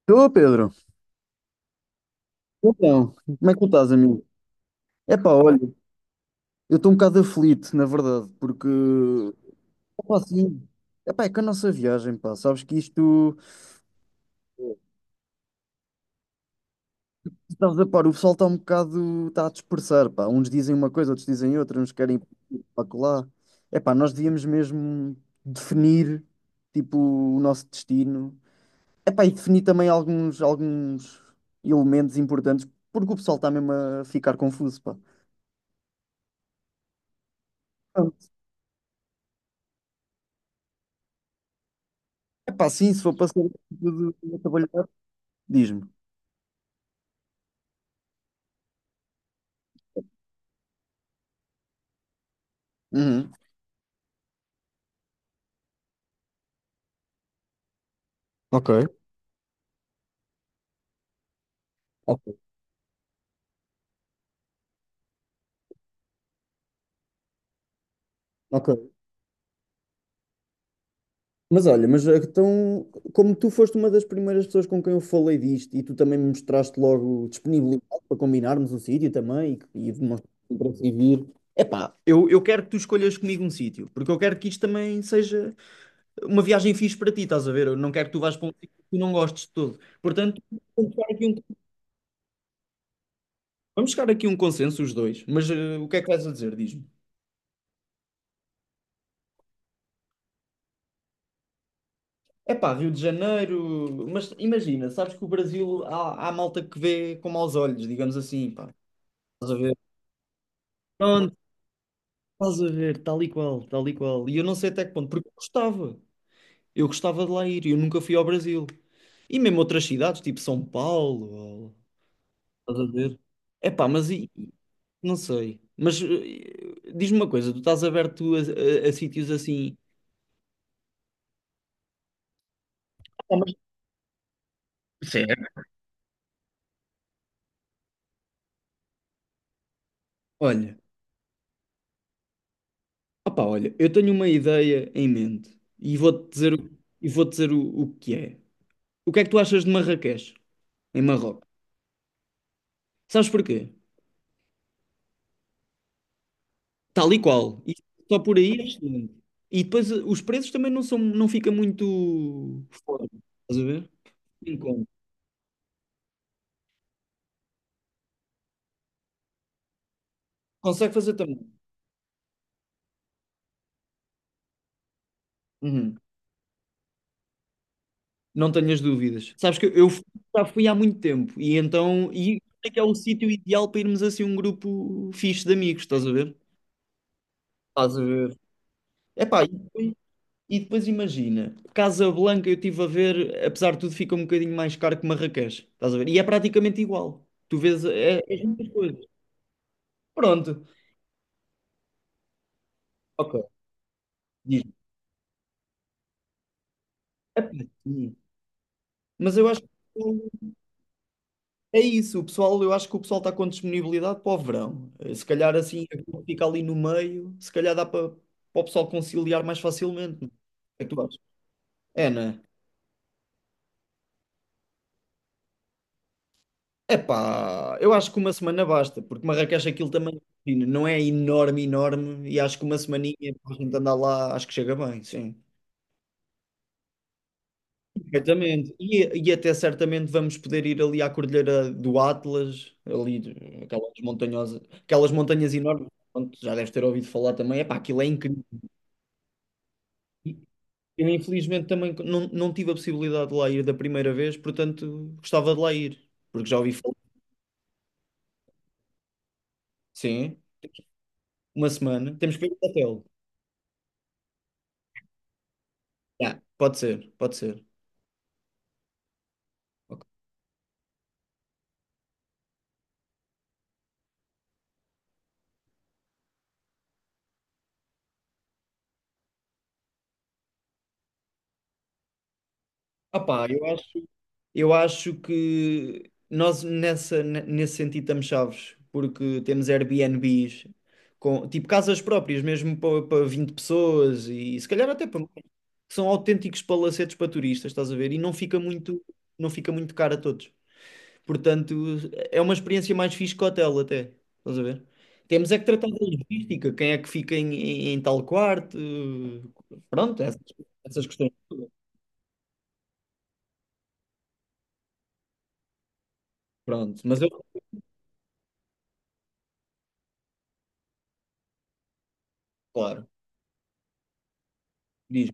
Estou, Pedro. Então, como é que tu estás, amigo? Epá, olha, eu estou um bocado aflito, na verdade, porque... Epá, assim, epá, é que a nossa viagem, pá, sabes que isto... Estás a par, o pessoal está um bocado... Está a dispersar, pá. Uns dizem uma coisa, outros dizem outra, uns querem ir para lá. Epá, nós devíamos mesmo definir, tipo, o nosso destino. Epá, e definir também alguns elementos importantes, porque o pessoal está mesmo a ficar confuso, pá. É pá, sim, se for para ser tudo a trabalhar, diz-me. Uhum. Ok, ok, ok. Mas olha, mas então, como tu foste uma das primeiras pessoas com quem eu falei disto e tu também me mostraste logo disponibilidade para combinarmos o sítio também e demonstraste interesse em vir. Epá, eu quero que tu escolhas comigo um sítio, porque eu quero que isto também seja uma viagem fixe para ti, estás a ver? Eu não quero que tu vás para um sítio que tu não gostes de todo. Portanto, vamos chegar aqui a um, vamos chegar aqui a um consenso os dois, mas o que é que vais a dizer? Diz-me. É pá, Rio de Janeiro, mas imagina, sabes que o Brasil há, há malta que vê com maus olhos, digamos assim, pá. Estás a ver? Pronto, estás a ver, tal e qual, tal e qual. E eu não sei até que ponto, porque eu gostava de lá ir, eu nunca fui ao Brasil. E mesmo outras cidades, tipo São Paulo, ou- estás a ver? É pá, mas não sei. Mas diz-me uma coisa, tu estás aberto a, a sítios assim. Ah, mas- Certo. Olha. Opa, olha, eu tenho uma ideia em mente e vou-te dizer, o- e vou dizer o que é. O que é que tu achas de Marrakech, em Marrocos? Sabes porquê? Tal e qual. E só por aí é excelente. E depois os preços também não são, não fica muito fora. Estás a ver? Em conta. Consegue fazer também. Uhum. Não tenhas dúvidas. Sabes que eu fui- Já fui há muito tempo e então e é que é o sítio ideal para irmos assim um grupo fixe de amigos, estás a ver? Estás a ver. Epá, e E depois imagina, Casablanca eu estive a ver, apesar de tudo, fica um bocadinho mais caro que Marrakech. Estás a ver? E é praticamente igual. Tu vês é, é as mesmas coisas. Pronto. Ok. Diz. É sim. Mas eu acho que é isso. O pessoal, eu acho que o pessoal está com disponibilidade para o verão. Se calhar assim, aquilo que fica ali no meio, se calhar dá para, o pessoal conciliar mais facilmente. O que é que tu achas? É, né? Epá, eu acho que uma semana basta, porque Marrakech aquilo também imagina, não é enorme, enorme, e acho que uma semaninha para a gente andar lá, acho que chega bem, sim. Perfeitamente. E até certamente vamos poder ir ali à Cordilheira do Atlas, ali, aquelas montanhosas, aquelas montanhas enormes, pronto, já deves ter ouvido falar também, epá, aquilo é incrível. Eu infelizmente também não tive a possibilidade de lá ir da primeira vez, portanto gostava de lá ir, porque já ouvi falar. Sim, uma semana, temos que ver o hotel. Yeah, pode ser, pode ser. Ok. Opá, Ok, eu acho que nós nessa, nesse sentido estamos chaves, porque temos Airbnbs, com, tipo casas próprias, mesmo para 20 pessoas e se calhar até para mais, que são autênticos palacetes para turistas, estás a ver? E não fica muito caro a todos. Portanto, é uma experiência mais fixe que hotel até, estás a ver? Temos é que tratar da logística, quem é que fica em, em tal quarto, pronto, essas, essas questões. Pronto, mas eu, claro, diz,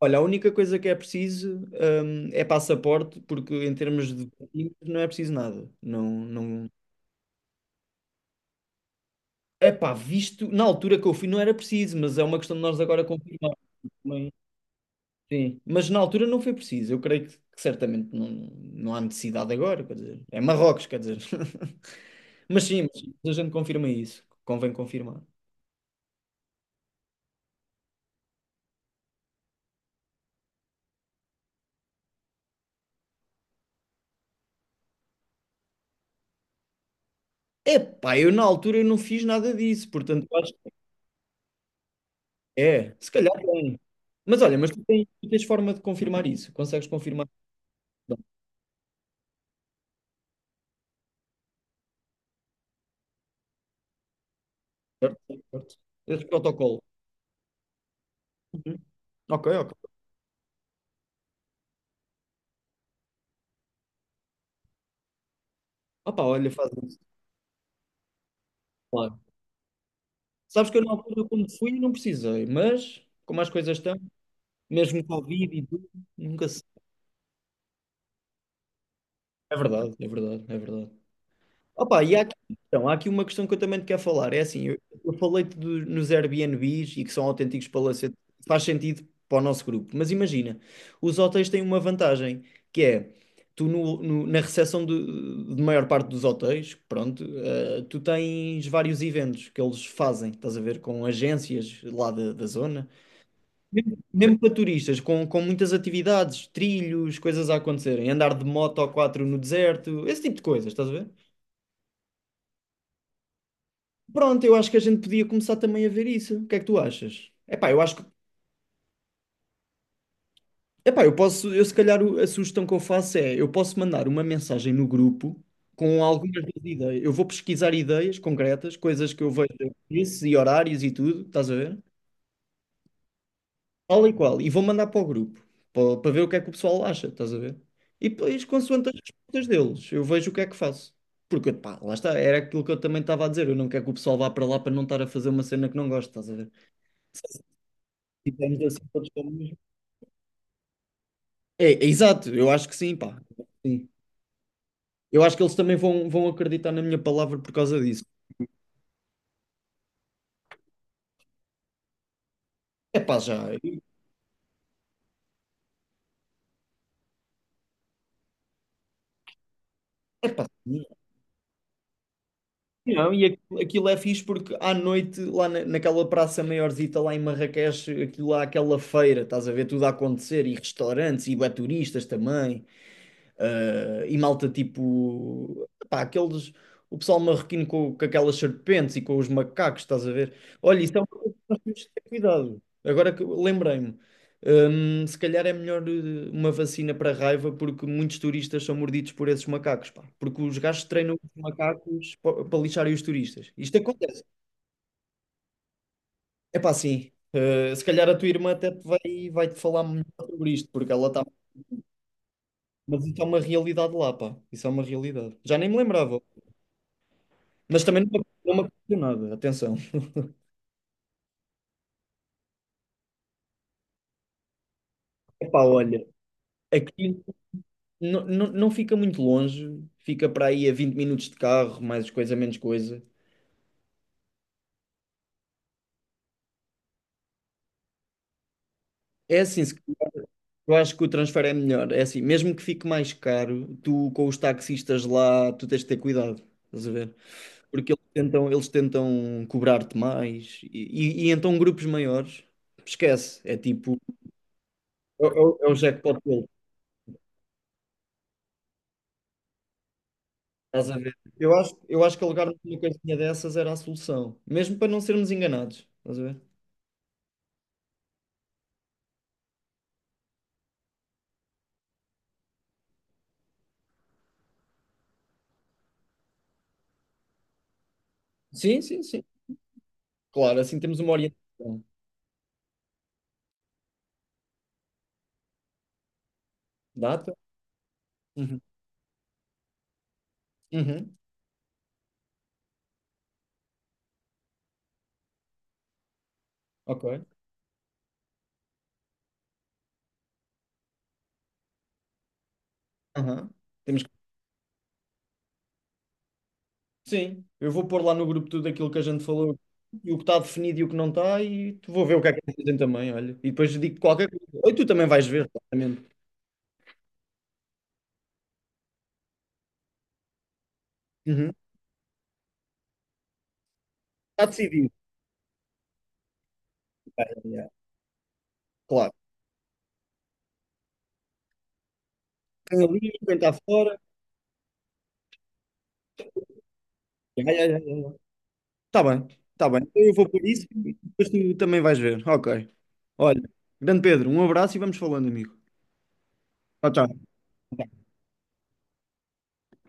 olha, a única coisa que é preciso, é passaporte, porque em termos de documentos não é preciso nada. Não, não... Epá, visto, na altura que eu fui não era preciso, mas é uma questão de nós agora confirmar também. Sim, mas na altura não foi preciso. Eu creio que, certamente não, não há necessidade agora, quer dizer, é Marrocos, quer dizer. Mas sim, mas a gente confirma isso, convém confirmar. Epá, eu na altura eu não fiz nada disso, portanto É, se calhar tem. Mas olha, mas tu tens forma de confirmar isso. Consegues confirmar? Não, certo, certo. Esse protocolo. Uhum. Ok, ok. Opa, olha, faz isso. Claro. Sabes que eu na altura, quando fui, não precisei, mas como as coisas estão, mesmo com Covid e tudo, nunca se. É verdade, é verdade, é verdade. Opa, e há aqui, então, há aqui uma questão que eu também te quero falar. É assim, eu falei-te nos Airbnbs e que são autênticos palacetes, faz sentido para o nosso grupo. Mas imagina, os hotéis têm uma vantagem, que é, tu na recepção de, maior parte dos hotéis, pronto, tu tens vários eventos que eles fazem, estás a ver, com agências lá da, da zona. Mesmo mesmo para turistas, com muitas atividades, trilhos, coisas a acontecerem, andar de moto ou quatro no deserto, esse tipo de coisas, estás a ver? Pronto, eu acho que a gente podia começar também a ver isso. O que é que tu achas? Epá, eu acho que. Epá, eu posso. Eu se calhar a sugestão que eu faço é: eu posso mandar uma mensagem no grupo com algumas das ideias. Eu vou pesquisar ideias concretas, coisas que eu vejo isso e horários e tudo, estás a ver? Tal e qual. E vou mandar para o grupo, para ver o que é que o pessoal acha, estás a ver? E depois, consoante as respostas deles, eu vejo o que é que faço. Porque, pá, lá está, era aquilo que eu também estava a dizer. Eu não quero que o pessoal vá para lá para não estar a fazer uma cena que não gosto, estás a ver? Tivemos assim todos como. É exato, eu acho que sim, pá. Sim. Eu acho que eles também vão, acreditar na minha palavra por causa disso. É pá, já. É pá, sim. Não, e aquilo, aquilo é fixe porque à noite, lá naquela praça maiorzita, lá em Marrakech, aquilo há aquela feira, estás a ver tudo a acontecer, e restaurantes, e bué turistas também. Ah, e malta tipo, pá, aqueles, o pessoal marroquino com aquelas serpentes e com os macacos, estás a ver? Olha, isso é uma coisa que nós temos de ter cuidado. Agora que lembrei-me, se calhar é melhor uma vacina para a raiva, porque muitos turistas são mordidos por esses macacos, pá. Porque os gajos treinam os macacos para lixarem os turistas. Isto acontece. É pá, sim. Se calhar a tua irmã até te vai-te falar melhor sobre isto, porque ela está. Mas isso é uma realidade lá, pá. Isso é uma realidade. Já nem me lembrava. Mas também não me impressiona nada, atenção. Pa, olha, é que não fica muito longe, fica para aí a 20 minutos de carro, mais coisa menos coisa. É assim, eu acho que o transfer é melhor, é assim, mesmo que fique mais caro, tu com os táxis estás lá, tu tens de ter cuidado, resolver, porque eles tentam cobrar-te mais, e e então grupos maiores esquece, é tipo, é o Jackpot. Estás a ver? Eu acho que alugarmos uma coisinha dessas era a solução, mesmo para não sermos enganados. Estás a ver? Sim, sim, sim. Claro, assim temos uma orientação. Data? Uhum. Uhum. Ok. Aham. Temos que... Sim, eu vou pôr lá no grupo tudo aquilo que a gente falou e o que está definido e o que não está e tu vou ver o que é que eles dizem também, olha. E depois digo qualquer coisa. Ou tu também vais ver, claramente. Uhum. Está decidido. Ah, yeah, yeah. Claro. Quem ali, quem está fora. Yeah, yeah, yeah, yeah. Está bem, está bem. Então Eu vou por isso e depois tu também vais ver. Ok. Olha, grande Pedro, um abraço e vamos falando, amigo. Tchau, tchau.